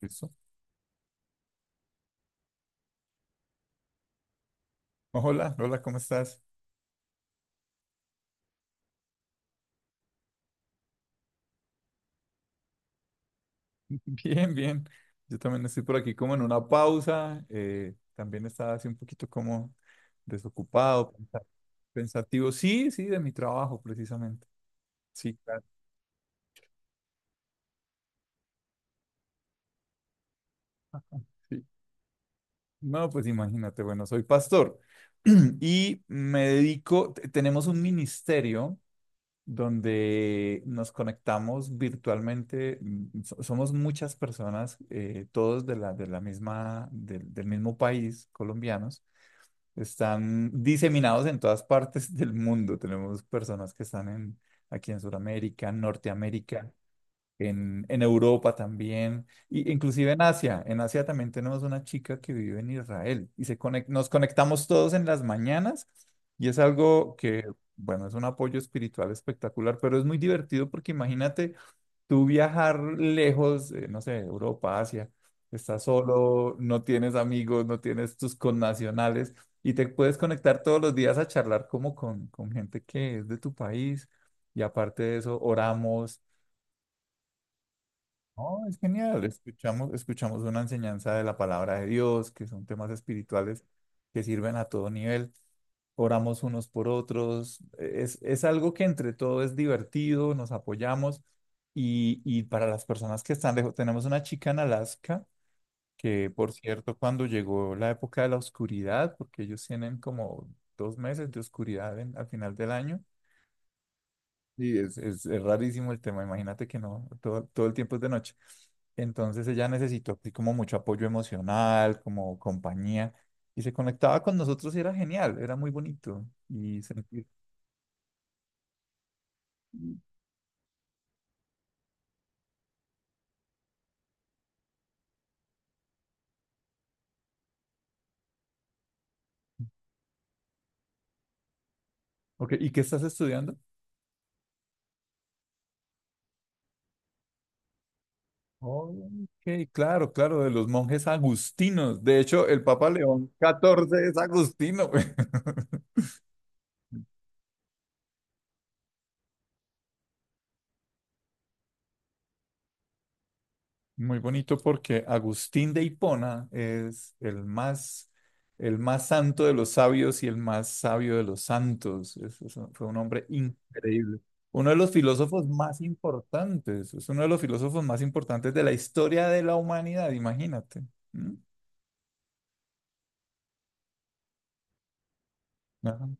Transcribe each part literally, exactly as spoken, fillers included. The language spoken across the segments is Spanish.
Listo. Hola, hola, ¿cómo estás? Bien, bien. Yo también estoy por aquí como en una pausa. eh, también estaba así un poquito como desocupado, pensa- pensativo. Sí, sí, de mi trabajo precisamente. Sí, claro, sí. No, pues imagínate, bueno, soy pastor y me dedico, te- tenemos un ministerio donde nos conectamos virtualmente. mm, so- Somos muchas personas, eh, todos de la, de la misma, del del mismo país, colombianos. Están diseminados en todas partes del mundo. Tenemos personas que están en, aquí en Sudamérica, en Norteamérica, en, en Europa también, y inclusive en Asia. En Asia también tenemos una chica que vive en Israel y se conec- nos conectamos todos en las mañanas y es algo que, bueno, es un apoyo espiritual espectacular, pero es muy divertido porque imagínate tú viajar lejos, eh, no sé, Europa, Asia, estás solo, no tienes amigos, no tienes tus connacionales y te puedes conectar todos los días a charlar como con, con gente que es de tu país y aparte de eso, oramos. Oh, es genial. Escuchamos, escuchamos una enseñanza de la palabra de Dios, que son temas espirituales que sirven a todo nivel. Oramos unos por otros. E, Es, es algo que entre todo es divertido, nos apoyamos. Y, y para las personas que están lejos, tenemos una chica en Alaska, que por cierto, cuando llegó la época de la oscuridad, porque ellos tienen como dos meses de oscuridad en- al final del año. Sí, es, es, es rarísimo el tema, imagínate que no, todo, todo el tiempo es de noche. Entonces ella necesitó así como mucho apoyo emocional, como compañía, y se conectaba con nosotros y era genial, era muy bonito. Y sentir... Ok, ¿y qué estás estudiando? Ok, claro, claro, de los monjes agustinos. De hecho, el Papa León catorce es agustino. Muy bonito porque Agustín de Hipona es el más, el más santo de los sabios y el más sabio de los santos. Es- es un- fue un hombre increíble. Uno de los filósofos más importantes. Es uno de los filósofos más importantes de la historia de la humanidad, imagínate. ¿Mm? Ajá.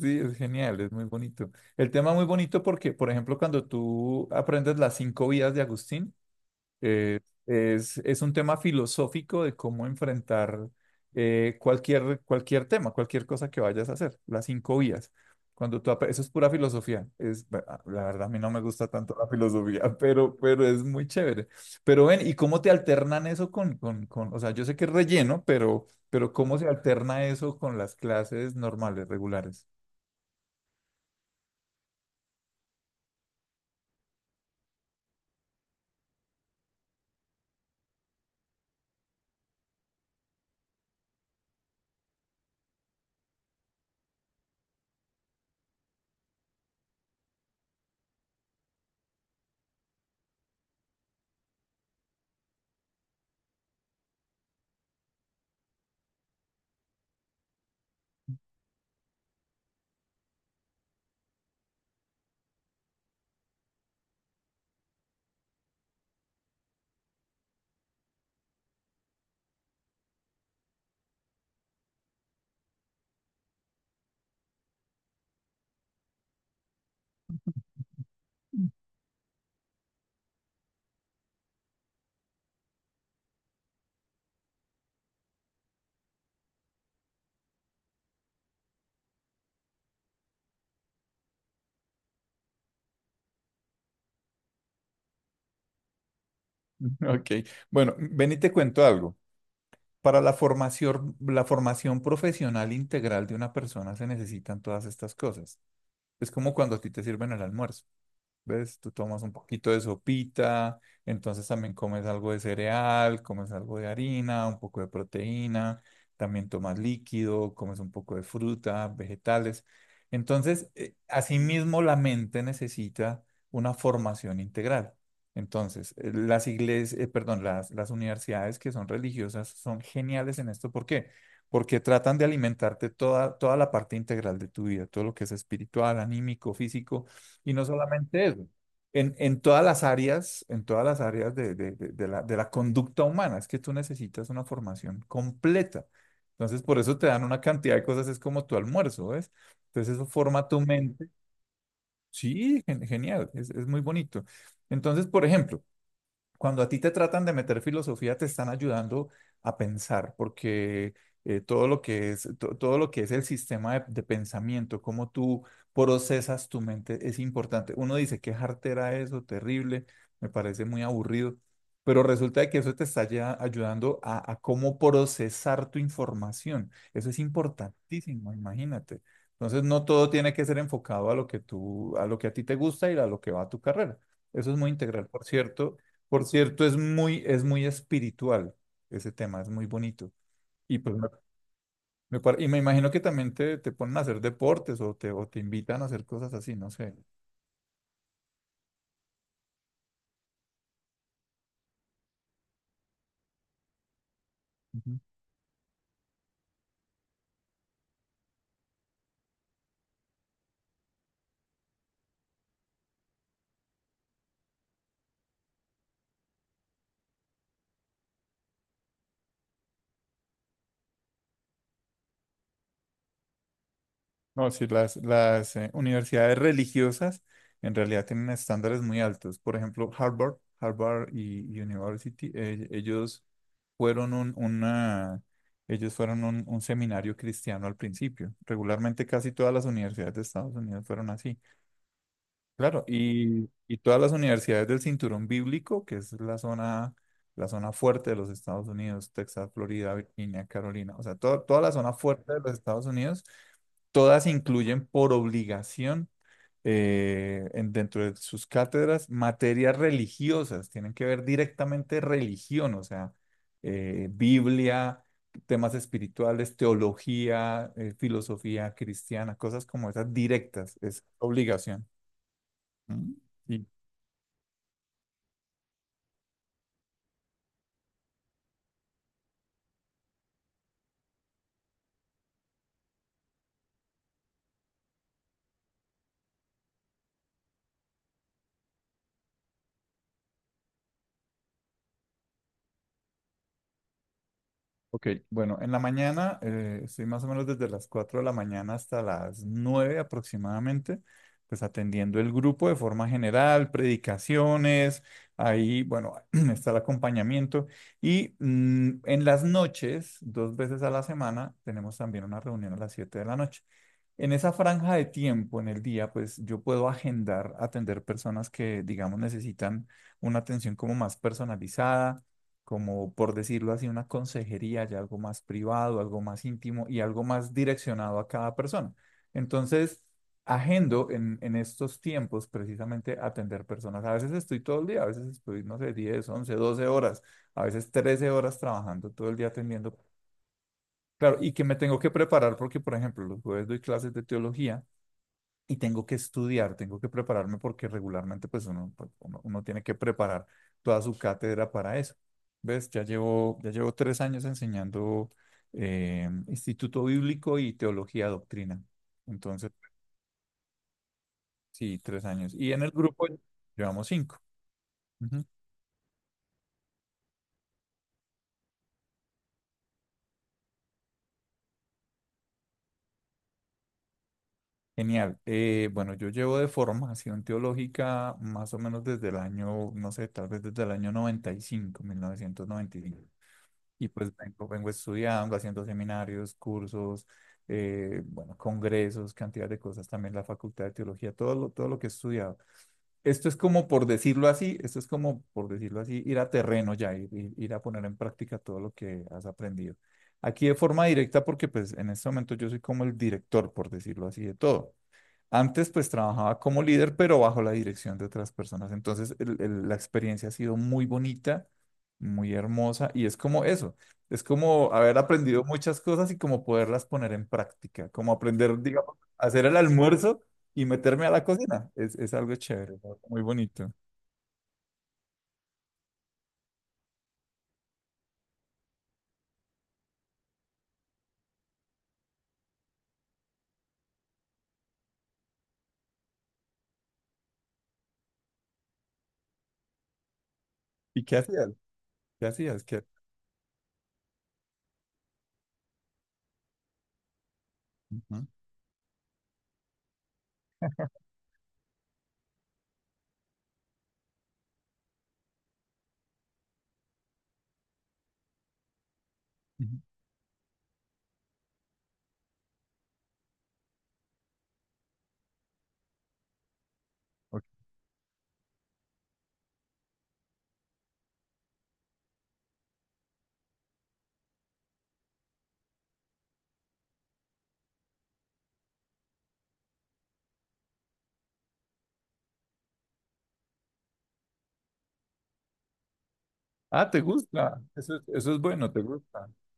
Sí, es genial, es muy bonito. El tema es muy bonito porque, por ejemplo, cuando tú aprendes las cinco vidas de Agustín. Eh, es, es un tema filosófico de cómo enfrentar eh, cualquier, cualquier tema, cualquier cosa que vayas a hacer, las cinco vías. Cuando tú, ap- eso es pura filosofía. Es, la verdad, a mí no me gusta tanto la filosofía, pero, pero es muy chévere. Pero ven, ¿y cómo te alternan eso con, con, con, o sea, yo sé que es relleno, pero, pero ¿cómo se alterna eso con las clases normales, regulares? Ok, bueno, ven y te cuento algo. Para la formación, la formación profesional integral de una persona se necesitan todas estas cosas. Es como cuando a ti te sirven el almuerzo. ¿Ves? Tú tomas un poquito de sopita, entonces también comes algo de cereal, comes algo de harina, un poco de proteína, también tomas líquido, comes un poco de fruta, vegetales. Entonces, eh, asimismo, la mente necesita una formación integral. Entonces, eh, las iglesias, eh, perdón, las, las universidades que son religiosas son geniales en esto. ¿Por qué? Porque tratan de alimentarte toda, toda la parte integral de tu vida, todo lo que es espiritual, anímico, físico y no solamente eso, en, en todas las áreas, en todas las áreas de, de- de- de la, de la conducta humana, es que tú necesitas una formación completa. Entonces, por eso te dan una cantidad de cosas, es como tu almuerzo, ¿ves? Entonces, eso forma tu mente. Sí, gen- genial, es, es muy bonito. Entonces, por ejemplo, cuando a ti te tratan de meter filosofía, te están ayudando a pensar, porque eh, todo lo que es, to- todo lo que es el sistema de, de pensamiento, cómo tú procesas tu mente, es importante. Uno dice, qué jartera eso, terrible, me parece muy aburrido, pero resulta de que eso te está ya ayudando a, a cómo procesar tu información. Eso es importantísimo, imagínate. Entonces, no todo tiene que ser enfocado a lo que tú, a lo que a ti te gusta y a lo que va a tu carrera. Eso es muy integral, por cierto. Por cierto, es muy, es muy espiritual ese tema, es muy bonito. Y pues me, me par- y me imagino que también te, te ponen a hacer deportes o te, o te invitan a hacer cosas así, no sé. Ujú. No, sí, las, las eh, universidades religiosas en realidad tienen estándares muy altos. Por ejemplo, Harvard, Harvard y University, eh, ellos fueron un, una, ellos fueron un, un seminario cristiano al principio. Regularmente casi todas las universidades de Estados Unidos fueron así. Claro, y, y todas las universidades del cinturón bíblico, que es la zona, la zona fuerte de los Estados Unidos, Texas, Florida, Virginia, Carolina, o sea, to- toda la zona fuerte de los Estados Unidos, todas incluyen por obligación eh, en- dentro de sus cátedras materias religiosas, tienen que ver directamente religión, o sea, eh, Biblia, temas espirituales, teología, eh, filosofía cristiana, cosas como esas directas, es obligación. Mm, sí. Ok, bueno, en la mañana eh, estoy más o menos desde las cuatro de la mañana hasta las nueve aproximadamente, pues atendiendo el grupo de forma general, predicaciones, ahí, bueno, está el acompañamiento. Y mm, en las noches, dos veces a la semana, tenemos también una reunión a las siete de la noche. En esa franja de tiempo en el día, pues yo puedo agendar, atender personas que, digamos, necesitan una atención como más personalizada, como por decirlo así, una consejería, ya algo más privado, algo más íntimo y algo más direccionado a cada persona. Entonces, agendo en, en estos tiempos precisamente atender personas. A veces estoy todo el día, a veces estoy, no sé, diez once doce horas, a veces trece horas trabajando todo el día atendiendo. Claro, y que me tengo que preparar porque, por ejemplo, los jueves doy clases de teología y tengo que estudiar, tengo que prepararme porque regularmente pues uno, pues, uno, uno tiene que preparar toda su cátedra para eso. ¿Ves? Ya llevo, ya llevo tres años enseñando eh, Instituto Bíblico y Teología Doctrina. Entonces, sí, tres años. Y en el grupo llevamos cinco. Ujú. Genial. Eh, bueno, yo llevo de formación teológica más o menos desde el año, no sé, tal vez desde el año noventa noventa y cinco mil novecientos noventa y cinco. Y pues vengo, vengo estudiando, haciendo seminarios, cursos, eh, bueno, congresos, cantidad de cosas, también la Facultad de Teología, todo lo, todo lo que he estudiado. Esto es como por decirlo así, esto es como por decirlo así, ir a terreno ya, ir, ir- ir a poner en práctica todo lo que has aprendido. Aquí de forma directa, porque pues en este momento yo soy como el director, por decirlo así, de todo. Antes pues trabajaba como líder, pero bajo la dirección de otras personas. Entonces el- el- la experiencia ha sido muy bonita, muy hermosa y es como eso, es como haber aprendido muchas cosas y como poderlas poner en práctica, como aprender, digamos, a hacer el almuerzo y meterme a la cocina. Es, es algo chévere, es algo muy bonito. ¿Y qué hacías? ¿Qué hacías? ¿Qué- Ujú, ujú, ok. Ah, ¿te gusta? Eso, es- eso es bueno, ¿te gusta?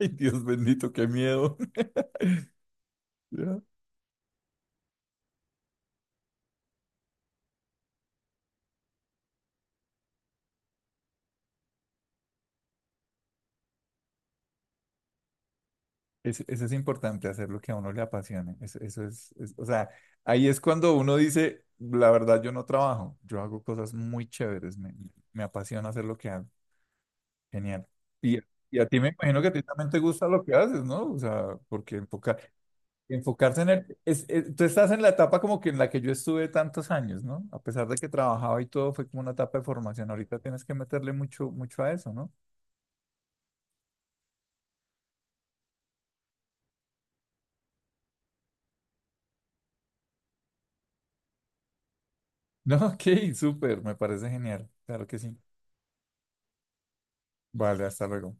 Ay, Dios bendito, qué miedo. Ya. Eso, eso es importante, hacer lo que a uno le apasione. Eso, eso es, es- o sea, ahí es cuando uno dice, la verdad, yo no trabajo, yo hago cosas muy chéveres, me, me apasiona hacer lo que hago. Genial. Y, y a ti me imagino que a ti también te gusta lo que haces, ¿no? O sea, porque enfocar, enfocarse en el... Es, es- tú estás en la etapa como que en la que yo estuve tantos años, ¿no? A pesar de que trabajaba y todo, fue como una etapa de formación. Ahorita tienes que meterle mucho, mucho a eso, ¿no? No, ok, súper, me parece genial. Claro que sí. Vale, hasta luego.